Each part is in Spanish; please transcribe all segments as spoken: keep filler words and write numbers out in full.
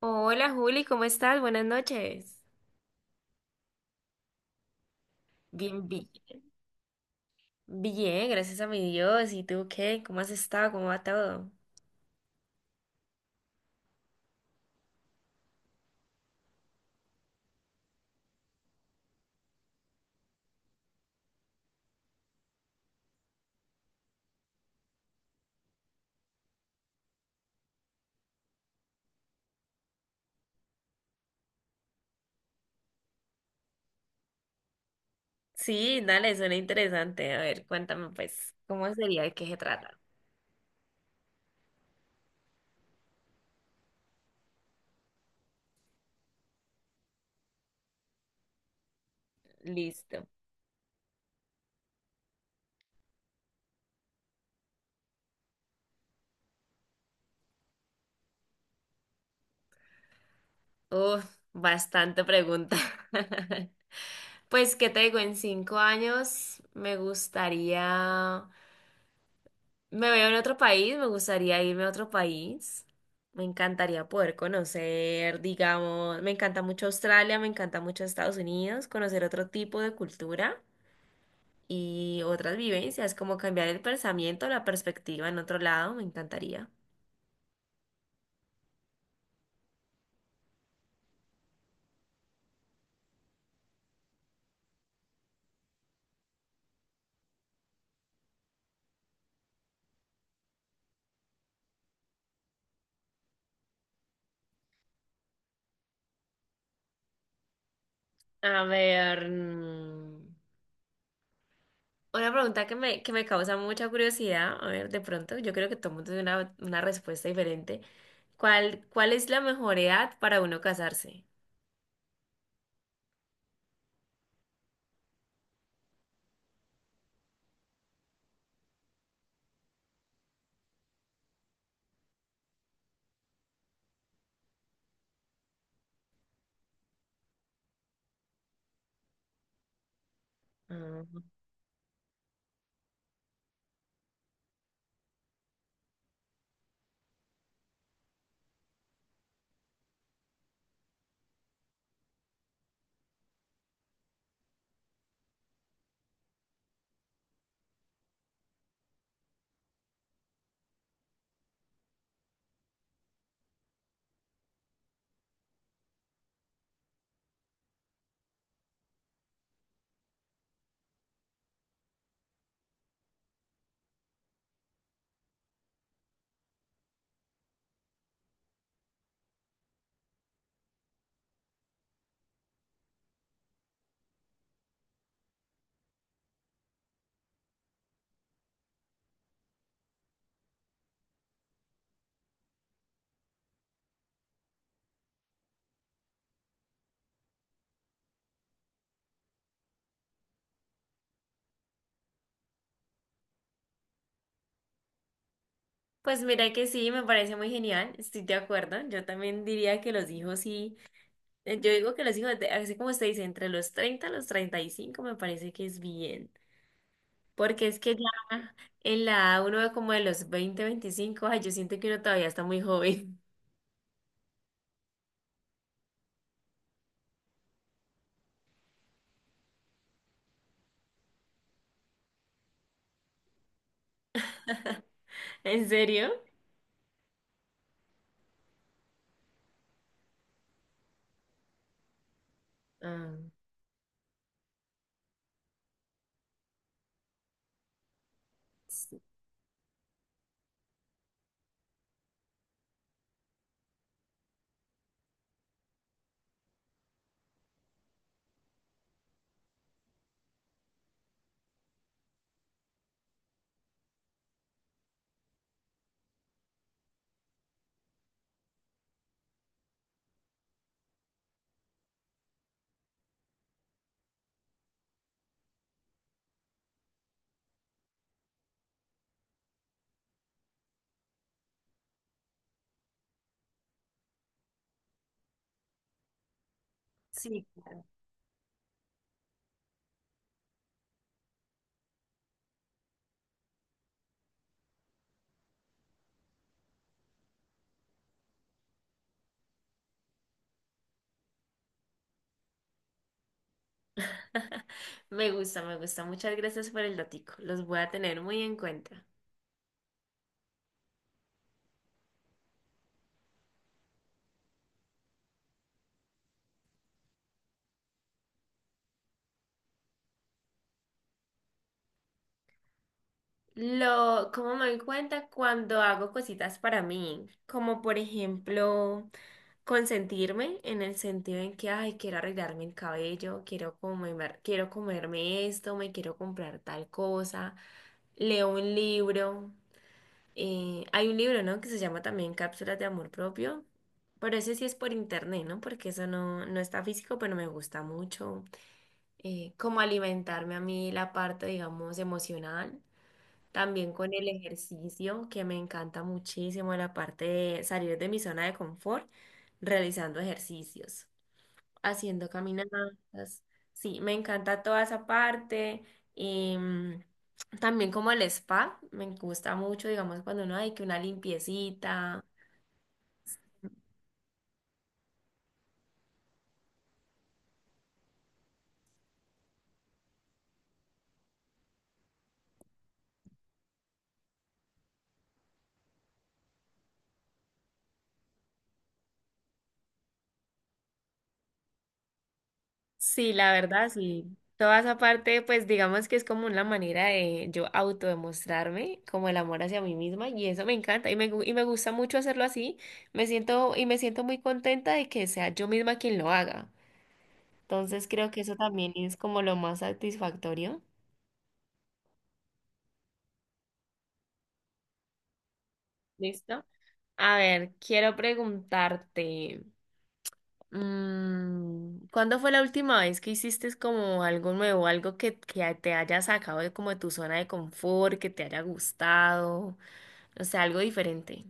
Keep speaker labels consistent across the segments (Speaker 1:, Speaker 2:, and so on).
Speaker 1: Hola Juli, ¿cómo estás? Buenas noches. Bien, bien, bien, gracias a mi Dios. ¿Y tú qué? ¿Cómo has estado? ¿Cómo va todo? Sí, dale, suena interesante. A ver, cuéntame pues, ¿cómo sería? ¿De qué se trata? Listo. Uf, bastante pregunta. Pues, ¿qué te digo? En cinco años me gustaría. Me veo en otro país, me gustaría irme a otro país. Me encantaría poder conocer, digamos, me encanta mucho Australia, me encanta mucho Estados Unidos, conocer otro tipo de cultura y otras vivencias, como cambiar el pensamiento, la perspectiva en otro lado, me encantaría. A ver, mm, una pregunta que me, que me causa mucha curiosidad, a ver, de pronto, yo creo que todo el mundo tiene una, una respuesta diferente. ¿Cuál, cuál es la mejor edad para uno casarse? Pues mira que sí, me parece muy genial, estoy de acuerdo. Yo también diría que los hijos sí, eh, yo digo que los hijos, de- así como usted dice, entre los treinta a los treinta y cinco me parece que es bien, porque es que ya en la edad uno ve como de los veinte veinticinco. Ay, yo siento que uno todavía está muy joven. ¿En serio? Ah, sí, sí, claro. Me gusta, me gusta. Muchas gracias por el datico. Los voy a tener muy en cuenta. Lo, cómo me doy cuenta cuando hago cositas para mí, como por ejemplo consentirme en el sentido en que, ay, quiero arreglarme el cabello, quiero comer, quiero comerme esto, me quiero comprar tal cosa, leo un libro, eh, hay un libro, ¿no? Que se llama también Cápsulas de Amor Propio, pero ese sí es por internet, ¿no? Porque eso no, no está físico, pero me gusta mucho, eh, como alimentarme a mí la parte, digamos, emocional. También con el ejercicio, que me encanta muchísimo la parte de salir de mi zona de confort realizando ejercicios, haciendo caminatas. Sí, me encanta toda esa parte. Y mm, también como el spa, me gusta mucho, digamos, cuando uno hay que una limpiecita. Sí, la verdad, sí. Toda esa parte, pues digamos que es como una manera de yo autodemostrarme como el amor hacia mí misma y eso me encanta y me, gu- y me gusta mucho hacerlo así. Me siento y me siento muy contenta de que sea yo misma quien lo haga. Entonces creo que eso también es como lo más satisfactorio. ¿Listo? A ver, quiero preguntarte. Mm, ¿cuándo fue la última vez que hiciste como algo nuevo, algo que, que te haya sacado de como de tu zona de confort, que te haya gustado, no sé, algo diferente?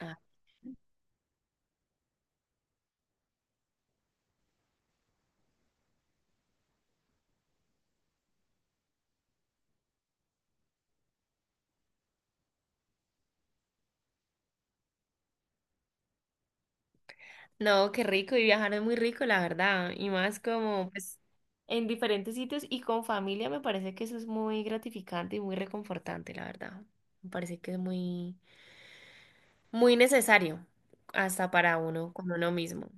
Speaker 1: Ah, no, qué rico, y viajar es muy rico, la verdad, y más como pues en diferentes sitios y con familia me parece que eso es muy gratificante y muy reconfortante, la verdad. Me parece que es muy, muy necesario hasta para uno, con uno mismo.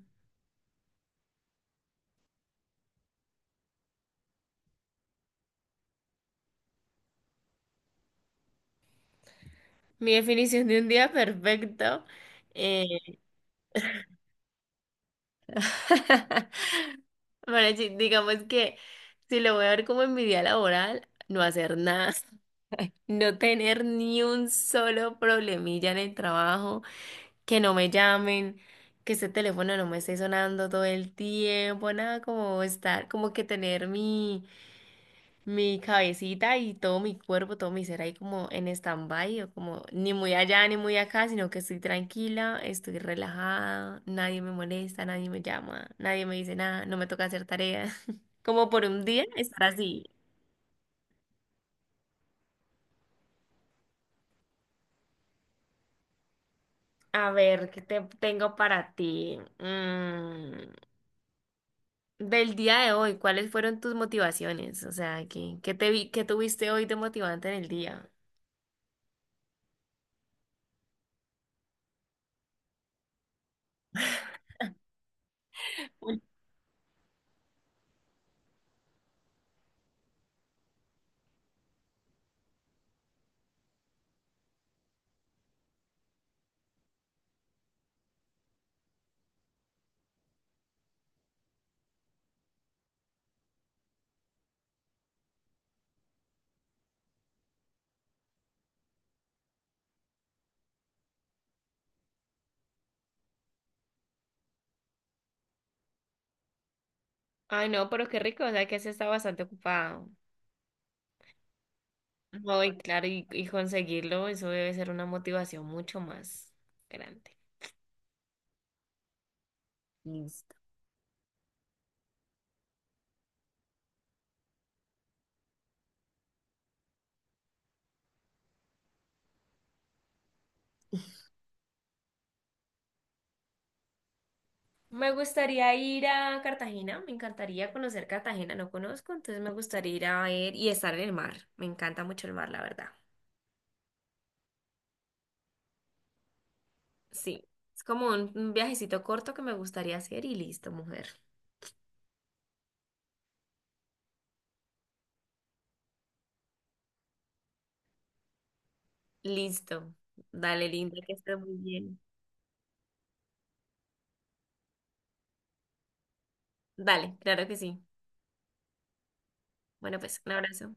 Speaker 1: Mi definición de un día perfecto. Eh, Bueno, sí, digamos que si lo voy a ver como en mi día laboral, no hacer nada, no tener ni un solo problemilla en el trabajo, que no me llamen, que ese teléfono no me esté sonando todo el tiempo, nada como estar, como que tener mi, mi cabecita y todo mi cuerpo, todo mi ser ahí como en stand-by o como ni muy allá ni muy acá, sino que estoy tranquila, estoy relajada, nadie me molesta, nadie me llama, nadie me dice nada, no me toca hacer tareas. Como por un día estar así. A ver, ¿qué te tengo para ti? Mm, del día de hoy, ¿cuáles fueron tus motivaciones? O sea, ¿qué, qué te vi, qué tuviste hoy de motivante en el día? Ay, no, pero qué rico, o sea que has estado bastante ocupado. No, y claro, y, y conseguirlo, eso debe ser una motivación mucho más grande. Listo. Me gustaría ir a Cartagena, me encantaría conocer Cartagena, no conozco, entonces me gustaría ir a ver y estar en el mar. Me encanta mucho el mar, la verdad. Sí, es como un, un viajecito corto que me gustaría hacer y listo, mujer. Listo. Dale, linda, que estés muy bien. Dale, claro que sí. Bueno, pues un abrazo.